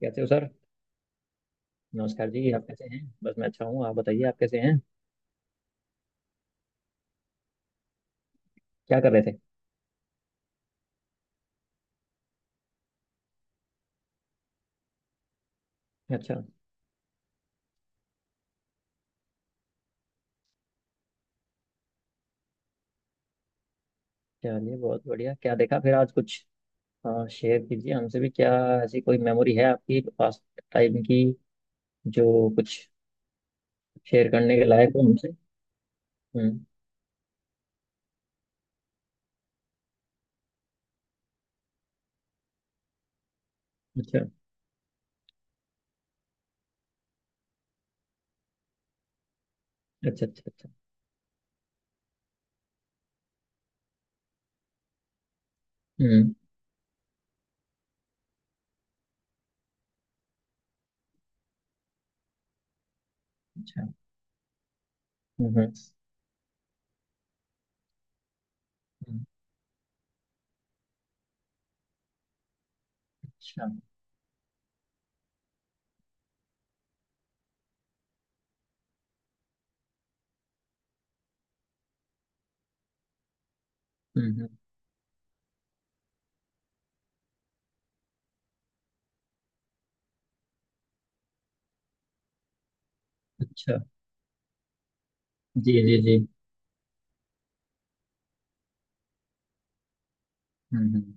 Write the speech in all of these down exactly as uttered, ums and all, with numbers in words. कैसे हो सर। नमस्कार जी, आप कैसे हैं? बस मैं अच्छा हूँ, आप बताइए, आप कैसे हैं? क्या कर रहे थे? अच्छा। चलिए बहुत बढ़िया। क्या देखा फिर आज कुछ? शेयर कीजिए हमसे भी क्या ऐसी कोई मेमोरी है आपकी पास, टाइम की, जो कुछ शेयर करने के लायक हो हमसे। हम्म। अच्छा, अच्छा, अच्छा। अच्छा। हम्म। अच्छा। हम्म, हम्म, हम्म। अच्छा। हम्म, हम्म। अच्छा। जी, जी, जी। हम्म, हम्म।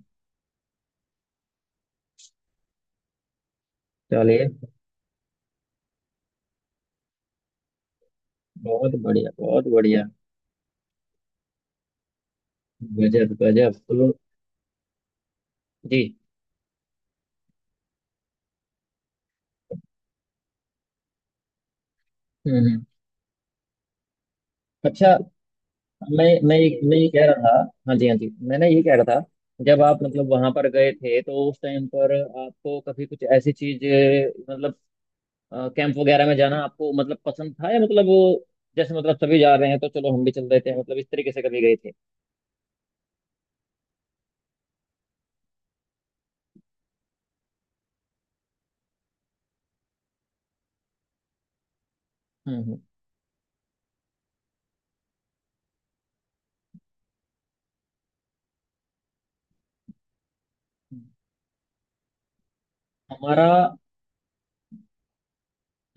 चलिए, बहुत बढ़िया, बहुत बढ़िया। गजब, गजब। तो जी। हम्म, हम्म। अच्छा। मैं मैं ये- मैं ये कह रहा था। हाँ जी, हाँ जी, मैं ना ये कह रहा था, जब आप मतलब वहां पर गए थे तो उस टाइम पर आपको कभी कुछ ऐसी चीज, मतलब कैंप वगैरह में जाना आपको मतलब पसंद था, या मतलब वो जैसे मतलब सभी जा रहे हैं तो चलो हम भी चल देते हैं, मतलब इस तरीके से कभी गए थे? हम्म, हम्म। हमारा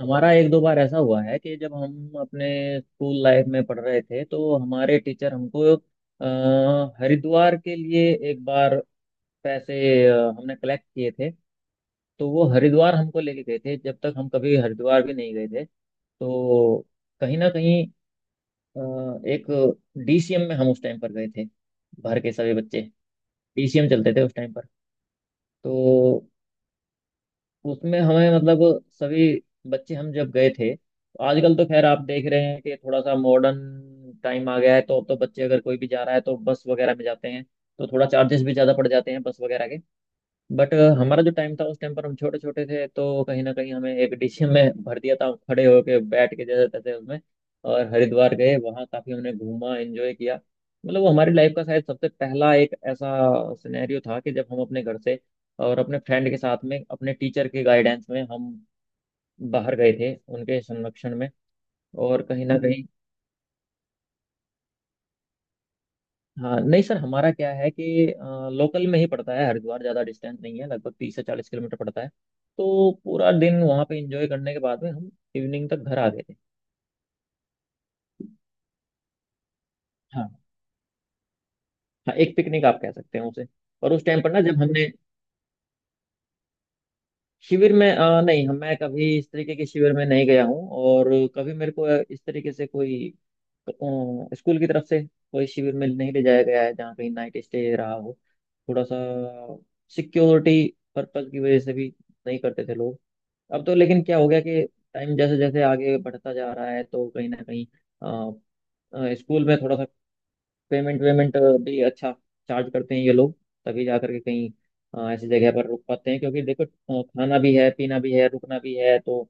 हमारा एक दो बार ऐसा हुआ है कि जब हम अपने स्कूल लाइफ में पढ़ रहे थे तो हमारे टीचर हमको अ, हरिद्वार के लिए एक बार पैसे, अ, हमने कलेक्ट किए थे, तो वो हरिद्वार हमको लेके गए थे। जब तक हम कभी हरिद्वार भी नहीं गए थे, तो कहीं ना कहीं अ, एक डीसीएम में हम उस टाइम पर गए थे, भर के सभी बच्चे। डीसीएम चलते थे उस टाइम पर। तो उसमें हमें मतलब सभी बच्चे हम जब गए थे, तो आजकल तो खैर आप देख रहे हैं कि थोड़ा सा मॉडर्न टाइम आ गया है, तो अब तो बच्चे अगर कोई भी जा रहा है तो बस वगैरह में जाते हैं, तो थोड़ा चार्जेस भी ज़्यादा पड़ जाते हैं बस वगैरह के। बट हमारा जो टाइम था उस टाइम पर हम छोटे छोटे थे, तो कहीं ना कहीं हमें एक डिश में भर दिया था, खड़े होके बैठ के जैसे तैसे उसमें। और हरिद्वार गए, वहाँ काफी हमने घूमा, एंजॉय किया। मतलब वो हमारी लाइफ का शायद सबसे पहला एक ऐसा सिनेरियो था कि जब हम अपने घर से और अपने फ्रेंड के साथ में अपने टीचर के गाइडेंस में हम बाहर गए थे, उनके संरक्षण में। और कहीं ना कहीं, हाँ नहीं सर, हमारा क्या है कि लोकल में ही पड़ता है हरिद्वार, ज़्यादा डिस्टेंस नहीं है, लगभग तीस से चालीस किलोमीटर पड़ता है। तो पूरा दिन वहाँ पे एंजॉय करने के बाद में हम इवनिंग तक घर आ गए थे। हाँ। हाँ, एक पिकनिक आप कह सकते हैं उसे। और उस टाइम पर ना, जब हमने शिविर में अ, नहीं, हम मैं कभी इस तरीके के शिविर में नहीं गया हूँ, और कभी मेरे को इस तरीके से कोई अ, स्कूल की तरफ से कोई शिविर में नहीं ले जाया गया है जहाँ कहीं नाइट स्टे रहा हो। थोड़ा सा सिक्योरिटी पर्पज की वजह से भी नहीं करते थे लोग। अब तो लेकिन क्या हो गया कि टाइम जैसे जैसे आगे बढ़ता जा रहा है तो कहीं ना कहीं अ, अ, स्कूल में थोड़ा सा पेमेंट वेमेंट भी अच्छा चार्ज करते हैं ये लोग, तभी जा करके कहीं अ, ऐसी जगह पर रुक पाते हैं, क्योंकि देखो अ, खाना भी है, पीना भी है, रुकना भी है, तो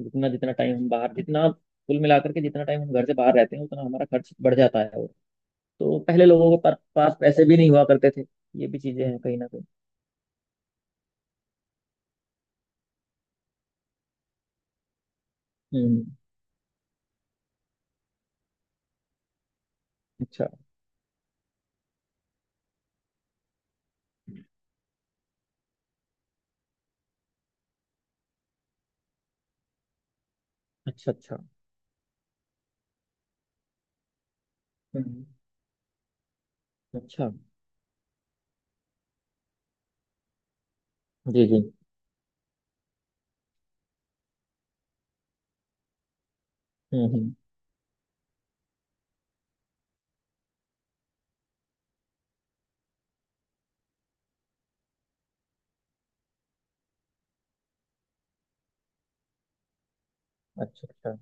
रुकना जितना टाइम हम बाहर, जितना कुल मिलाकर के जितना टाइम हम घर से बाहर रहते हैं, उतना हमारा खर्च बढ़ जाता है। और तो पहले लोगों के पर- पास पैसे भी नहीं हुआ करते थे, ये भी चीजें हैं कहीं ना कहीं। हम्म। अच्छा, अच्छा, अच्छा। हम्म। अच्छा। जी, जी। हम्म, हम्म। अच्छा, अच्छा।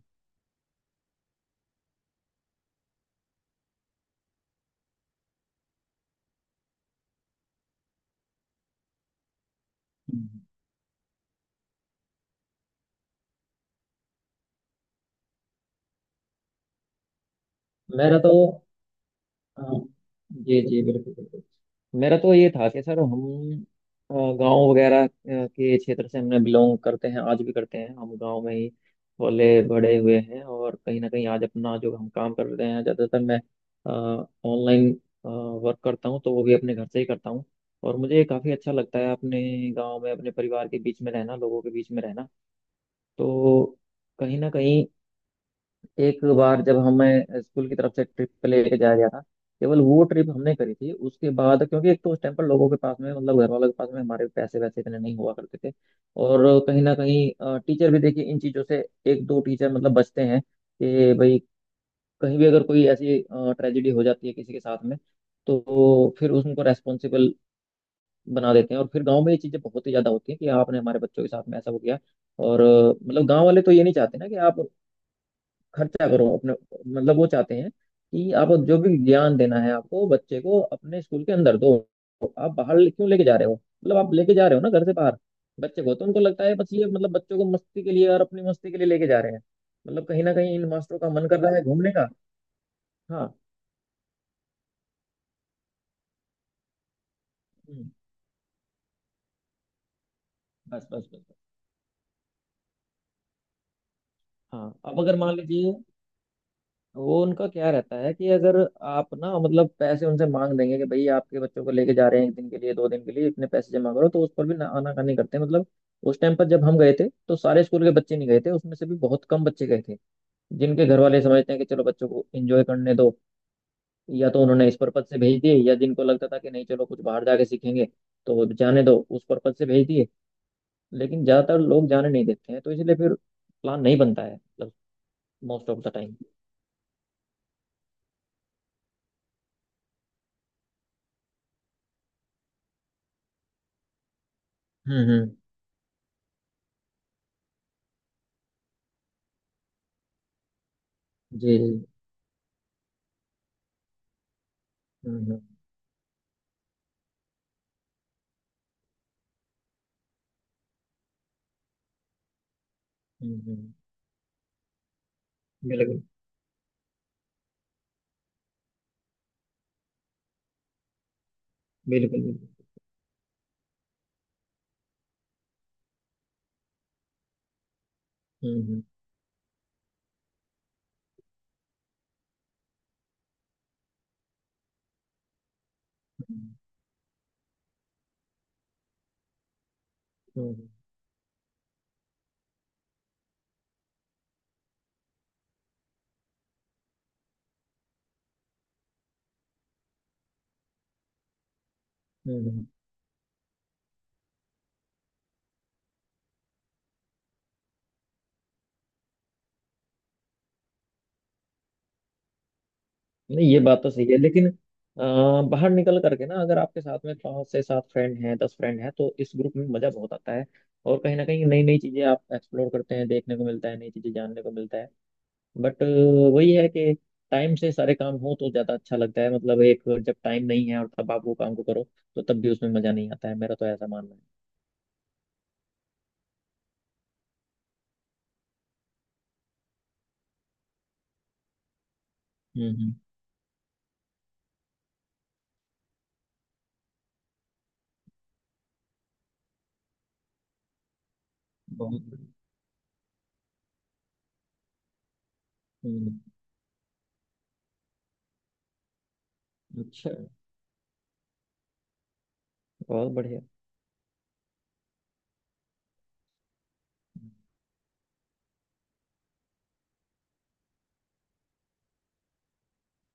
हम्म। मेरा तो, हाँ, जी जी, बिल्कुल बिल्कुल, मेरा तो ये था कि सर हम गांव वगैरह अ, के क्षेत्र से हमने बिलोंग करते हैं, आज भी करते हैं, हम गांव में ही पले बड़े हुए हैं। और कहीं ना कहीं आज अपना जो हम काम कर रहे हैं, ज़्यादातर मैं ऑनलाइन वर्क करता हूँ, तो वो भी अपने घर से ही करता हूँ, और मुझे काफ़ी अच्छा लगता है अपने गांव में अपने परिवार के बीच में रहना, लोगों के बीच में रहना। तो कहीं ना कहीं एक बार जब हमें स्कूल की तरफ से ट्रिप पे लेके जाया गया था, केवल वो ट्रिप हमने करी थी उसके बाद, क्योंकि एक तो उस टाइम पर लोगों के पास में, मतलब घर वालों के पास में हमारे पैसे वैसे इतने नहीं हुआ करते थे। और कहीं ना कहीं टीचर भी, देखिए, इन चीज़ों से एक दो टीचर मतलब बचते हैं कि भाई कहीं भी अगर कोई ऐसी ट्रेजेडी हो जाती है किसी के साथ में, तो फिर उसको रेस्पॉन्सिबल बना देते हैं। और फिर गाँव में ये चीज़ें बहुत ही ज़्यादा होती हैं कि आपने हमारे बच्चों के साथ में ऐसा हो गया। और अ, मतलब गाँव वाले तो ये नहीं चाहते ना कि आप खर्चा करो अपने, मतलब वो चाहते हैं कि आप जो भी ज्ञान देना है आपको बच्चे को अपने स्कूल के अंदर दो, आप बाहर ले- क्यों लेके जा रहे हो, मतलब आप लेके जा रहे हो ना घर से बाहर बच्चे को, तो उनको लगता है बस ये मतलब बच्चों को मस्ती के लिए और अपनी मस्ती के लिए लेके जा रहे हैं, मतलब कहीं ना कहीं इन मास्टरों का मन कर रहा है घूमने का। हाँ। हम्म, बस बस बस बस। हाँ, अब अगर मान लीजिए वो, उनका क्या रहता है कि अगर आप ना मतलब पैसे उनसे मांग देंगे कि भाई आपके बच्चों को लेके जा रहे हैं, एक दिन के लिए, दो दिन के लिए इतने पैसे जमा करो, तो उस पर भी ना आनाकानी करते हैं मतलब। उस टाइम पर जब हम गए थे तो सारे स्कूल के बच्चे नहीं गए थे, उसमें से भी बहुत कम बच्चे गए थे, जिनके घर वाले समझते हैं कि चलो बच्चों को एंजॉय करने दो, या तो उन्होंने इस पर्पज से भेज दिए, या जिनको लगता था कि नहीं चलो कुछ बाहर जाके सीखेंगे तो जाने दो, उस पर्पज से भेज दिए। लेकिन ज्यादातर लोग जाने नहीं देते हैं, तो इसलिए फिर प्लान नहीं बनता है मतलब, मोस्ट ऑफ द टाइम। हम्म, हम्म। जी, जी। हम्म, हम्म। हम्म, हम्म। बिल्कुल, बिल्कुल, बिल्कुल। हम्म, हम्म। हम्म, हम्म। हम्म, हम्म। नहीं ये बात तो सही है, लेकिन आ, बाहर निकल करके ना, अगर आपके साथ में पांच से सात फ्रेंड हैं, दस फ्रेंड हैं, तो इस ग्रुप में मजा बहुत आता है, और कहीं ना कहीं नई नई चीजें आप एक्सप्लोर करते हैं, देखने को मिलता है, नई चीजें जानने को मिलता है। बट वही है कि टाइम से सारे काम हो तो ज्यादा अच्छा लगता है, मतलब एक जब टाइम नहीं है, और तब आप वो काम को करो तो तब भी उसमें मजा नहीं आता है, मेरा तो ऐसा मानना है। हम्म, हम्म। बहुत बढ़िया। हम्म, अच्छा। बहुत बढ़िया।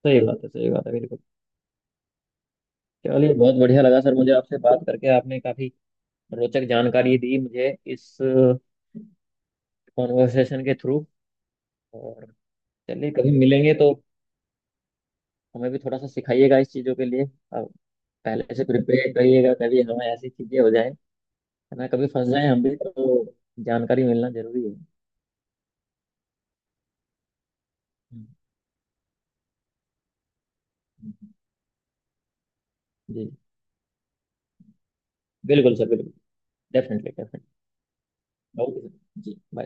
सही बात है, सही बात है, बिल्कुल। चलिए बहुत बढ़िया लगा सर मुझे आपसे बात करके, आपने काफी रोचक जानकारी दी मुझे इस कॉन्वर्सेशन के थ्रू। और चलिए कभी मिलेंगे तो हमें भी थोड़ा सा सिखाइएगा इस चीजों के लिए। अब पहले से प्रिपेयर करिएगा, कभी हमें ऐसी चीजें हो जाए, ना कभी फंस जाए हम भी तो, जानकारी मिलना जरूरी है। हम्म, हम्म, जी। बिल्कुल सर, बिल्कुल। Definitely, definitely. ओके सर जी, बाय।